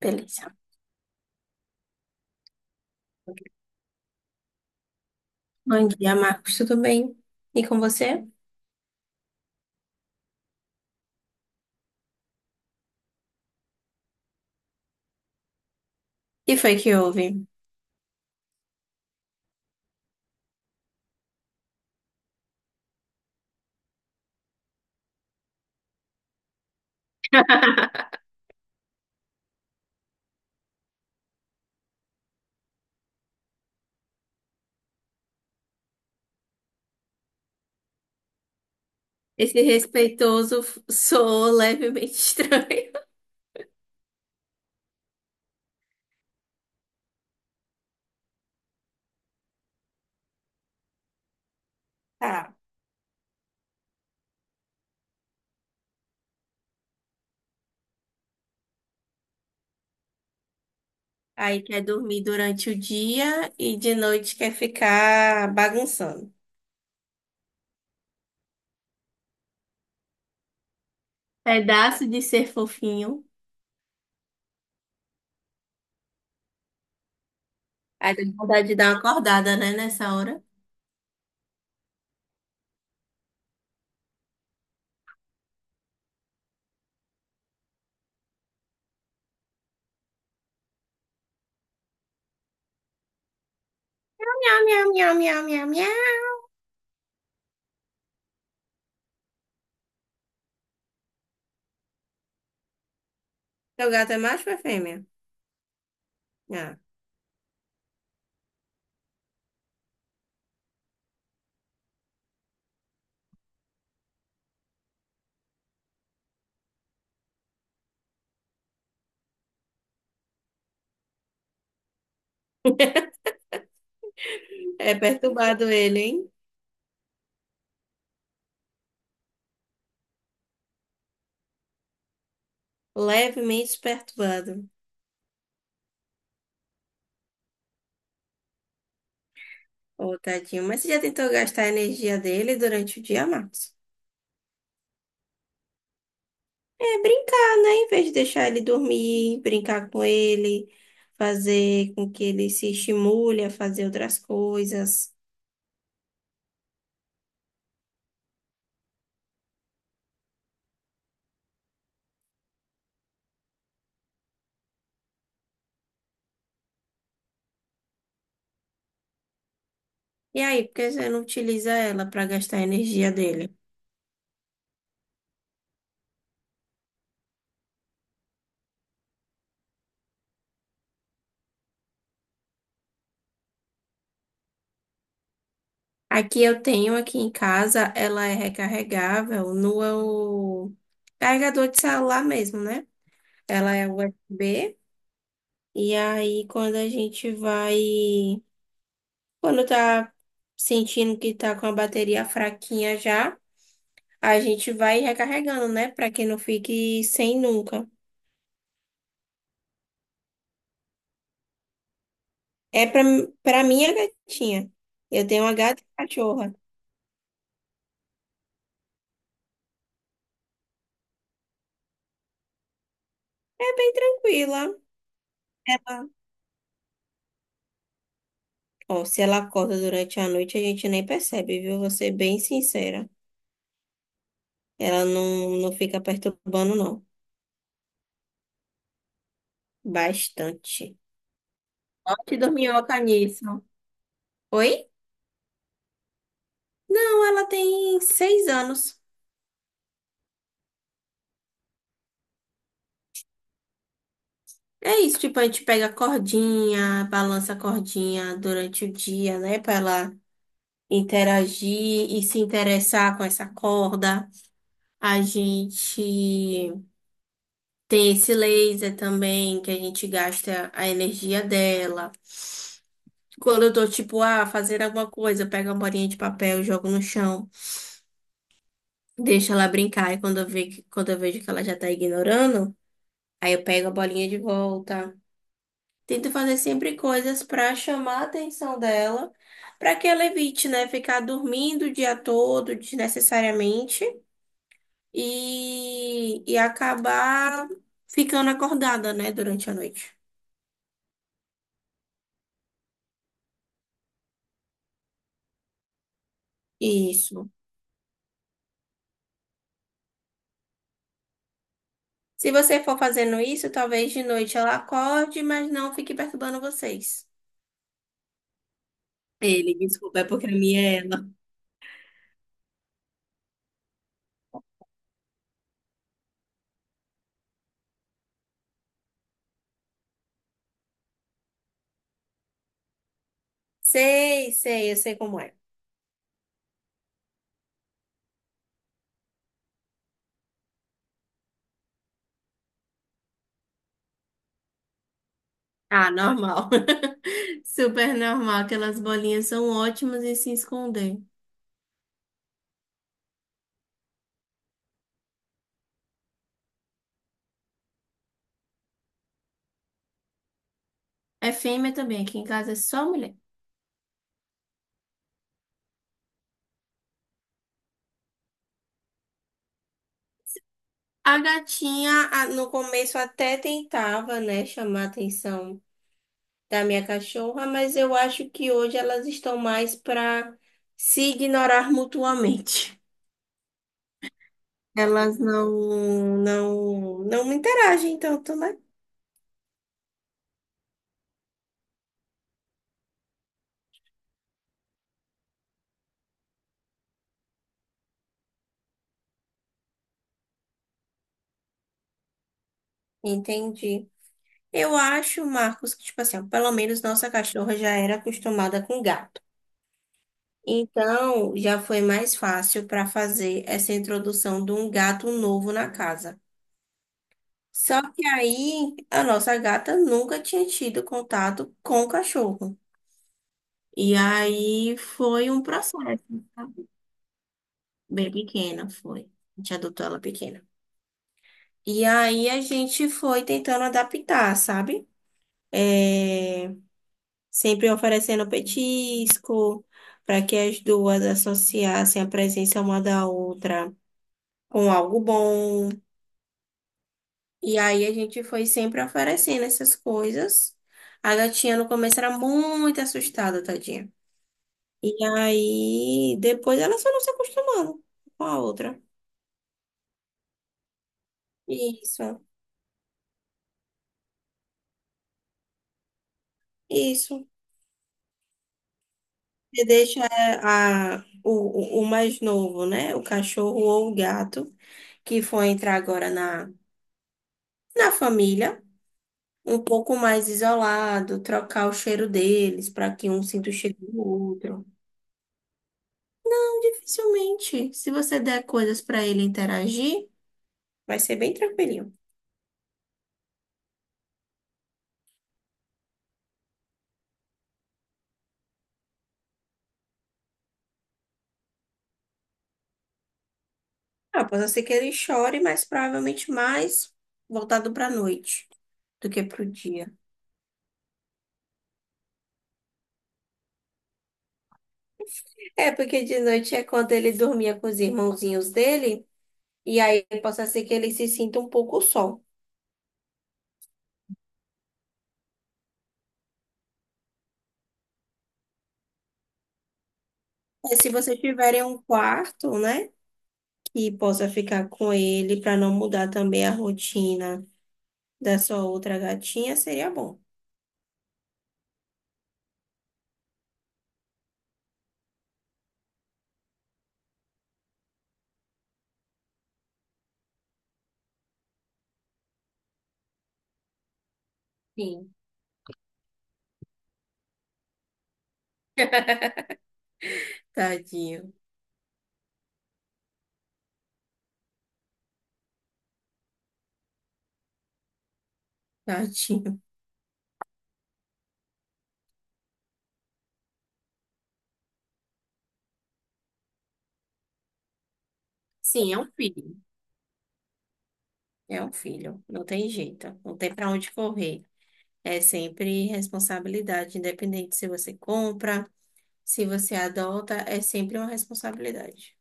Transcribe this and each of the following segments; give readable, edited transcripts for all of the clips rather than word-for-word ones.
Beleza. Bom dia, Marcos. Tudo bem? E com você? E foi que houve? Esse respeitoso f- soou levemente estranho. Tá. Aí quer dormir durante o dia e de noite quer ficar bagunçando. Pedaço de ser fofinho. Aí tem vontade de dar uma acordada, né, nessa hora. Miau, miau, miau, miau, miau, miau. Seu gato é macho ou é fêmea? Ah. É perturbado ele, hein? Levemente perturbado. Ô, tadinho. Mas você já tentou gastar a energia dele durante o dia, Marcos? É brincar, né? Em vez de deixar ele dormir, brincar com ele, fazer com que ele se estimule a fazer outras coisas. E aí, por que você não utiliza ela para gastar a energia dele? Aqui eu tenho aqui em casa, ela é recarregável no carregador de celular mesmo, né? Ela é USB. E aí, quando a gente vai. Quando tá sentindo que tá com a bateria fraquinha já, a gente vai recarregando, né? Pra que não fique sem nunca. É pra, pra minha gatinha. Eu tenho uma gata e cachorra. É bem tranquila. Ela. Ó, se ela acorda durante a noite, a gente nem percebe, viu? Vou ser bem sincera. Ela não fica perturbando, não. Bastante. Te dorminhoca nisso. Oi? Não, ela tem seis anos. É isso, tipo, a gente pega a cordinha, balança a cordinha durante o dia, né? Pra ela interagir e se interessar com essa corda. A gente tem esse laser também, que a gente gasta a energia dela. Quando eu tô, tipo, ah, fazendo alguma coisa, eu pego uma bolinha de papel e jogo no chão. Deixo ela brincar e quando eu quando eu vejo que ela já tá ignorando, aí eu pego a bolinha de volta. Tento fazer sempre coisas pra chamar a atenção dela, pra que ela evite, né, ficar dormindo o dia todo desnecessariamente e acabar ficando acordada, né, durante a noite. Isso. Se você for fazendo isso, talvez de noite ela acorde, mas não fique perturbando vocês. Ele, desculpa, é porque a minha é ela. Sei, sei, eu sei como é. Ah, normal. Super normal. Aquelas bolinhas são ótimas em se esconder. É fêmea também, aqui em casa é só mulher. A gatinha, a- no começo até tentava, né, chamar a atenção da minha cachorra, mas eu acho que hoje elas estão mais para se ignorar mutuamente. Elas não interagem tanto, né? Entendi. Eu acho, Marcos, que, tipo assim, ó, pelo menos nossa cachorra já era acostumada com gato. Então, já foi mais fácil para fazer essa introdução de um gato novo na casa. Só que aí a nossa gata nunca tinha tido contato com o cachorro. E aí foi um processo, sabe? Bem pequena foi. A gente adotou ela pequena. E aí a gente foi tentando adaptar, sabe? É, sempre oferecendo petisco para que as duas associassem a presença uma da outra com algo bom. E aí a gente foi sempre oferecendo essas coisas. A gatinha no começo era muito assustada, tadinha. E aí depois ela só não se acostumando com a outra. Isso, isso. Você deixa é, a, o mais novo, né? O cachorro ou o gato, que foi entrar agora na família, um pouco mais isolado, trocar o cheiro deles para que um sinta o cheiro do outro. Então, dificilmente, se você der coisas para ele interagir, vai ser bem tranquilinho. Ah, pode ser que ele chore, mas provavelmente mais voltado pra noite do que pro dia. É, porque de noite é quando ele dormia com os irmãozinhos dele, e aí possa ser que ele se sinta um pouco só. É, se vocês tiverem um quarto, né, que possa ficar com ele pra não mudar também a rotina da sua outra gatinha, seria bom. Sim. Tadinho, tadinho. Sim, é um filho. É um filho. Não tem jeito. Não tem pra onde correr. É sempre responsabilidade, independente se você compra, se você adota, é sempre uma responsabilidade.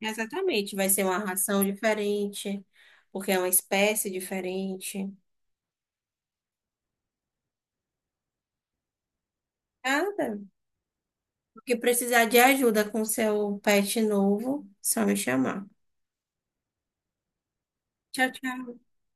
Exatamente. Vai ser uma ração diferente, porque é uma espécie diferente. Nada. O que precisar de ajuda com seu pet novo, só me chamar. Tchau, tchau.